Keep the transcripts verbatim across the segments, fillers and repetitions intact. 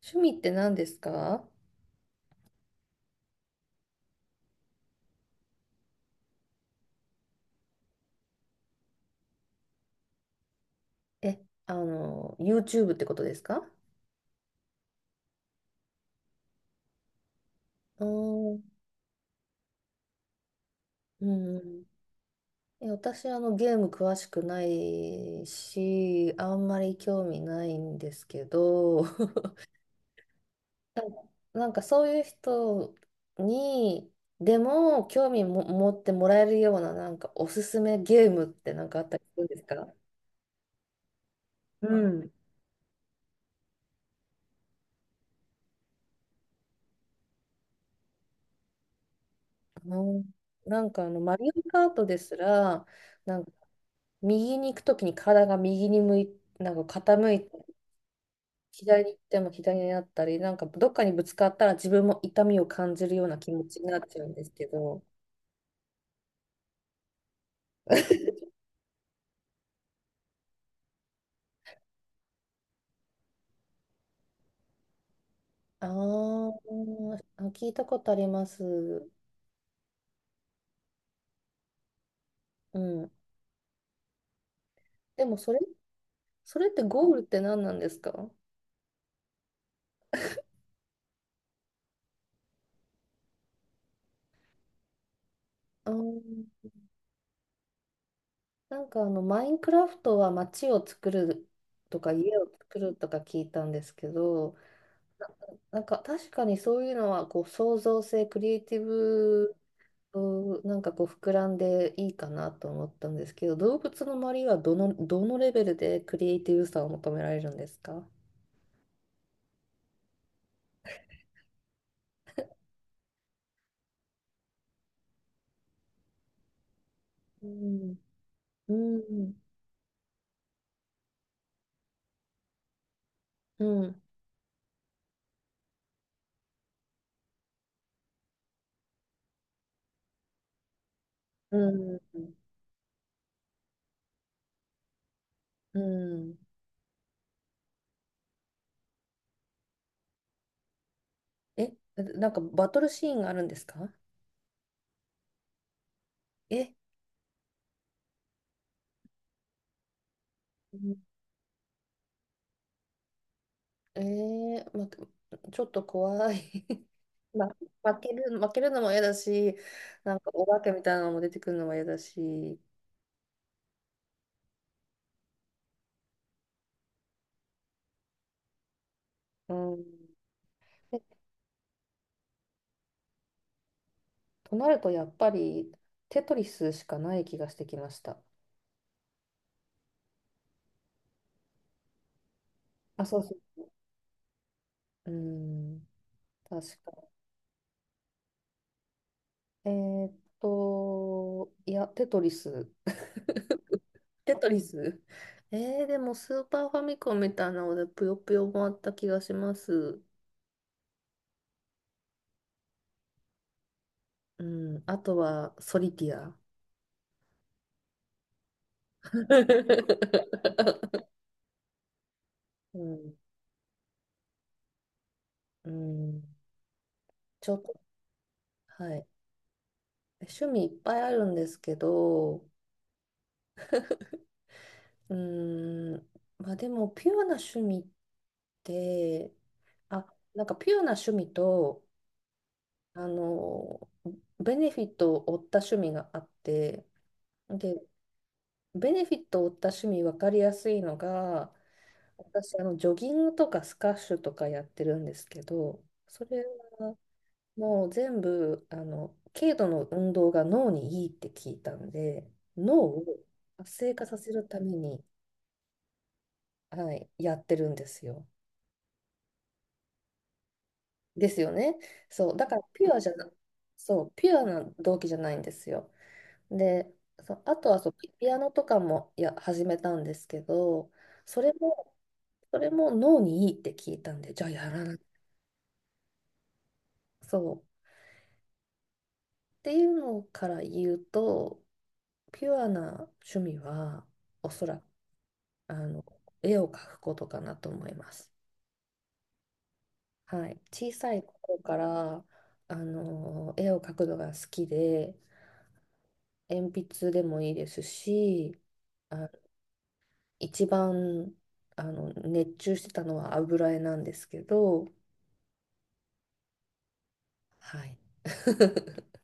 趣味って何ですか？え、あの、YouTube ってことですか？うーん。うん。え、私、あの、ゲーム詳しくないし、あんまり興味ないんですけど、なんかそういう人に、でも興味も持ってもらえるような、なんかおすすめゲームってなんかあったりするんですか？うん。うん。なんかあの、マリオカートですら、なんか右に行くときに体が右に向い、なんか傾いて、左に行っても左になったり、なんかどっかにぶつかったら自分も痛みを感じるような気持ちになっちゃうんですけど。あーあ、聞いたことあります。うん。でもそれ、それってゴールって何なんですか？あー、なんかあの、マインクラフトは街を作るとか家を作るとか聞いたんですけど、な、なんか確かにそういうのはこう創造性、クリエイティブ、そうなんかこう膨らんでいいかなと思ったんですけど、動物の周りはどの、どのレベルでクリエイティブさを求められるんですか？うん、うん、うん、うん、うん。え、なんかバトルシーンがあるんですか？え、うん。えー、ま、ちょっと怖い。 まあ、負ける、負けるのも嫌だし、なんかお化けみたいなのも出てくるのも嫌だし。うん。となると、やっぱりテトリスしかない気がしてきました。あ、そうそう。うん、確か。えーっと、いや、テトリス。テトリス。えー、でもスーパーファミコンみたいなので、ぷよぷよもあった気がします。うん、あとは、ソリティア。うん、うん、ちょっと、はい。趣味いっぱいあるんですけど、うーん、まあでも、ピュアな趣味って、あ、なんかピュアな趣味と、あの、ベネフィットを負った趣味があって、で、ベネフィットを負った趣味分かりやすいのが、私、あの、ジョギングとかスカッシュとかやってるんですけど、それはもう全部、あの、軽度の運動が脳にいいって聞いたんで、脳を活性化させるために、はい、やってるんですよ。ですよね。そう、だからピュアじゃな、そう、ピュアな動機じゃないんですよ。で、そう、あとはそう、ピアノとかもや始めたんですけど、それも、それも脳にいいって聞いたんで、じゃあやらない。そう。っていうのから言うと、ピュアな趣味は、おそらく、あの、絵を描くことかなと思います。はい。小さい頃から、あの、絵を描くのが好きで、鉛筆でもいいですし、あ、一番あの熱中してたのは油絵なんですけど、はい。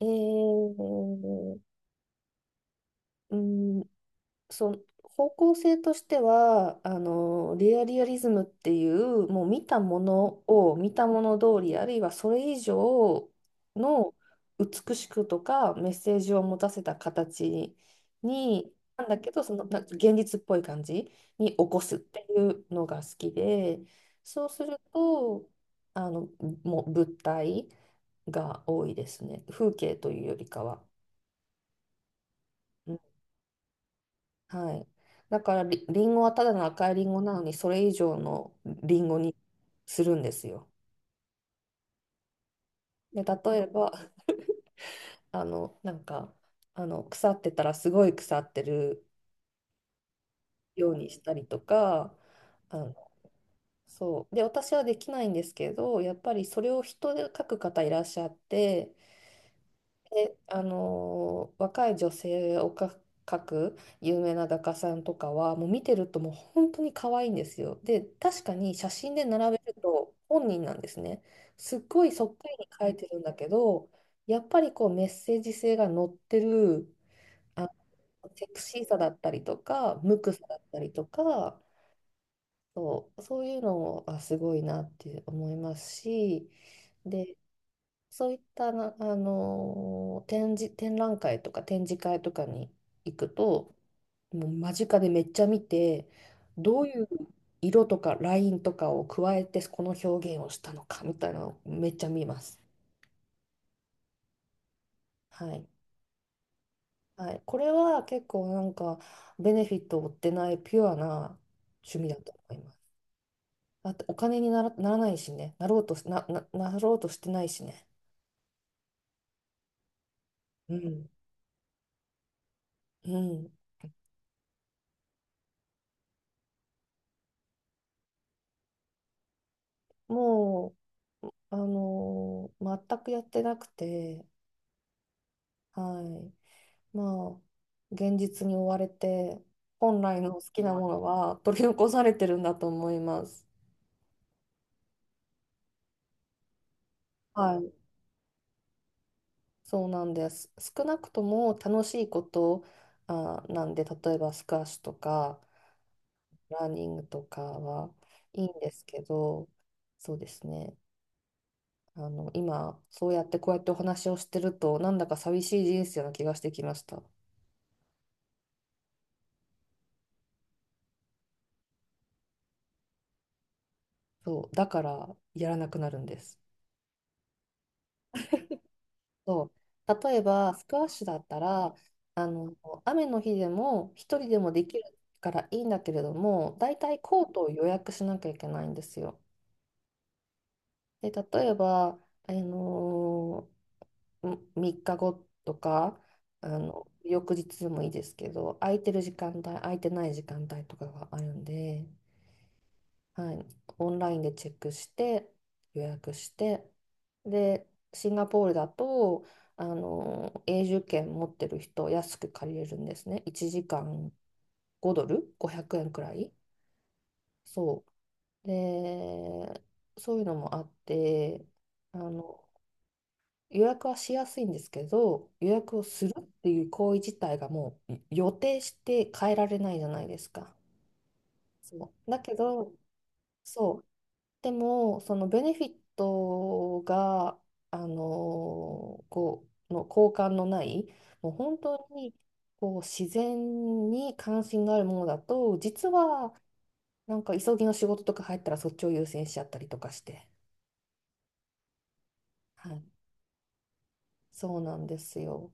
えー、うん。そう、方向性としては、あの、レアリアリズムっていう、もう見たものを見たもの通り、あるいはそれ以上の美しくとかメッセージを持たせた形に、なんだけど、その、な現実っぽい感じに起こすっていうのが好きで、そうすると、あの、もう物体が多いですね。風景というよりかは。はい。だからリ、リンゴはただの赤いリンゴなのに、それ以上のリンゴにするんですよ。で、例えば、あの、なんか、あの、腐ってたらすごい腐ってるようにしたりとか、あの、そう。で、私はできないんですけど、やっぱりそれを人で書く方いらっしゃって、で、あのー若い女性をか描く有名な画家さんとかはもう見てるともう本当に可愛いんですよ。で確かに写真で並べると本人なんですね。すっごいそっくりに描いてるんだけど、やっぱりこうメッセージ性が乗ってる、あ、セクシーさだったりとか無垢さだったりとか、そう、そういうのもあ、すごいなって思いますし。で、そういったな、あのー展示、展覧会とか展示会とかに行くと、もう間近でめっちゃ見て、どういう色とかラインとかを加えてこの表現をしたのかみたいなのをめっちゃ見ます。はい。はい。これは結構なんかベネフィットを負ってないピュアな趣味だと思います。だってお金になら、ならないしね。なろうとし、な、な、なろうとしてないしね。うん。うん。もうあのー全くやってなくて、はい。まあ、現実に追われて、本来の好きなものは取り残されてるんだと思います。はい。そうなんです。少なくとも楽しいこと、あ、なんで、例えばスカッシュとか、ラーニングとかはいいんですけど、そうですね。あの、今、そうやってこうやってお話をしてると、なんだか寂しい人生な気がしてきました。そう、だからやらなくなるんです。そう。例えば、スクワッシュだったら、あの、雨の日でも一人でもできるからいいんだけれども、だいたいコートを予約しなきゃいけないんですよ。で、例えば、あのみっかごとか、あの、翌日でもいいですけど、空いてる時間帯、空いてない時間帯とかがあるんで、はい、オンラインでチェックして予約して、でシンガポールだとあの永住権持ってる人安く借りれるんですね。いちじかんごドル、ごひゃくえんくえんくらい。そうで、そういうのもあって、あの予約はしやすいんですけど、予約をするっていう行為自体がもう予定して変えられないじゃないですか。そうだけど、そうでも、そのベネフィットが、あのこう、の交換のない、もう本当にこう自然に関心があるものだと、実はなんか急ぎの仕事とか入ったらそっちを優先しちゃったりとかして、はい、そうなんですよ。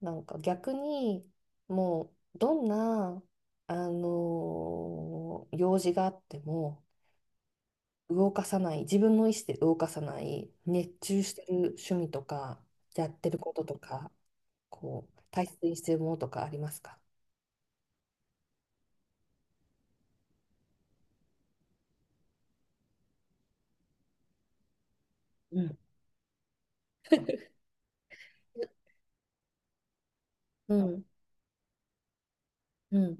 なんか逆に、もうどんな、あの用事があっても、動かさない、自分の意思で動かさない、熱中してる趣味とか、やってることとか、こう、大切にしてるものとかありますか？うん。うん、うん、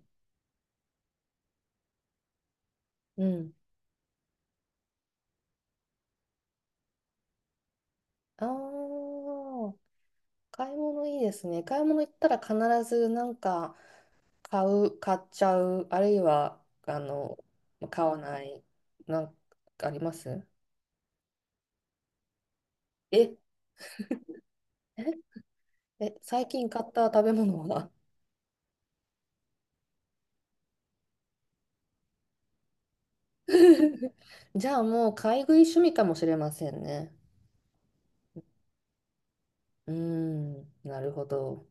うん。ああ、買い物いいですね。買い物行ったら必ずなんか買う、買っちゃう、あるいは、あの、買わない、なんかあります？え、え、え、最近買った食べ物は？ じゃあもう買い食い趣味かもしれませんね。うーん、なるほど。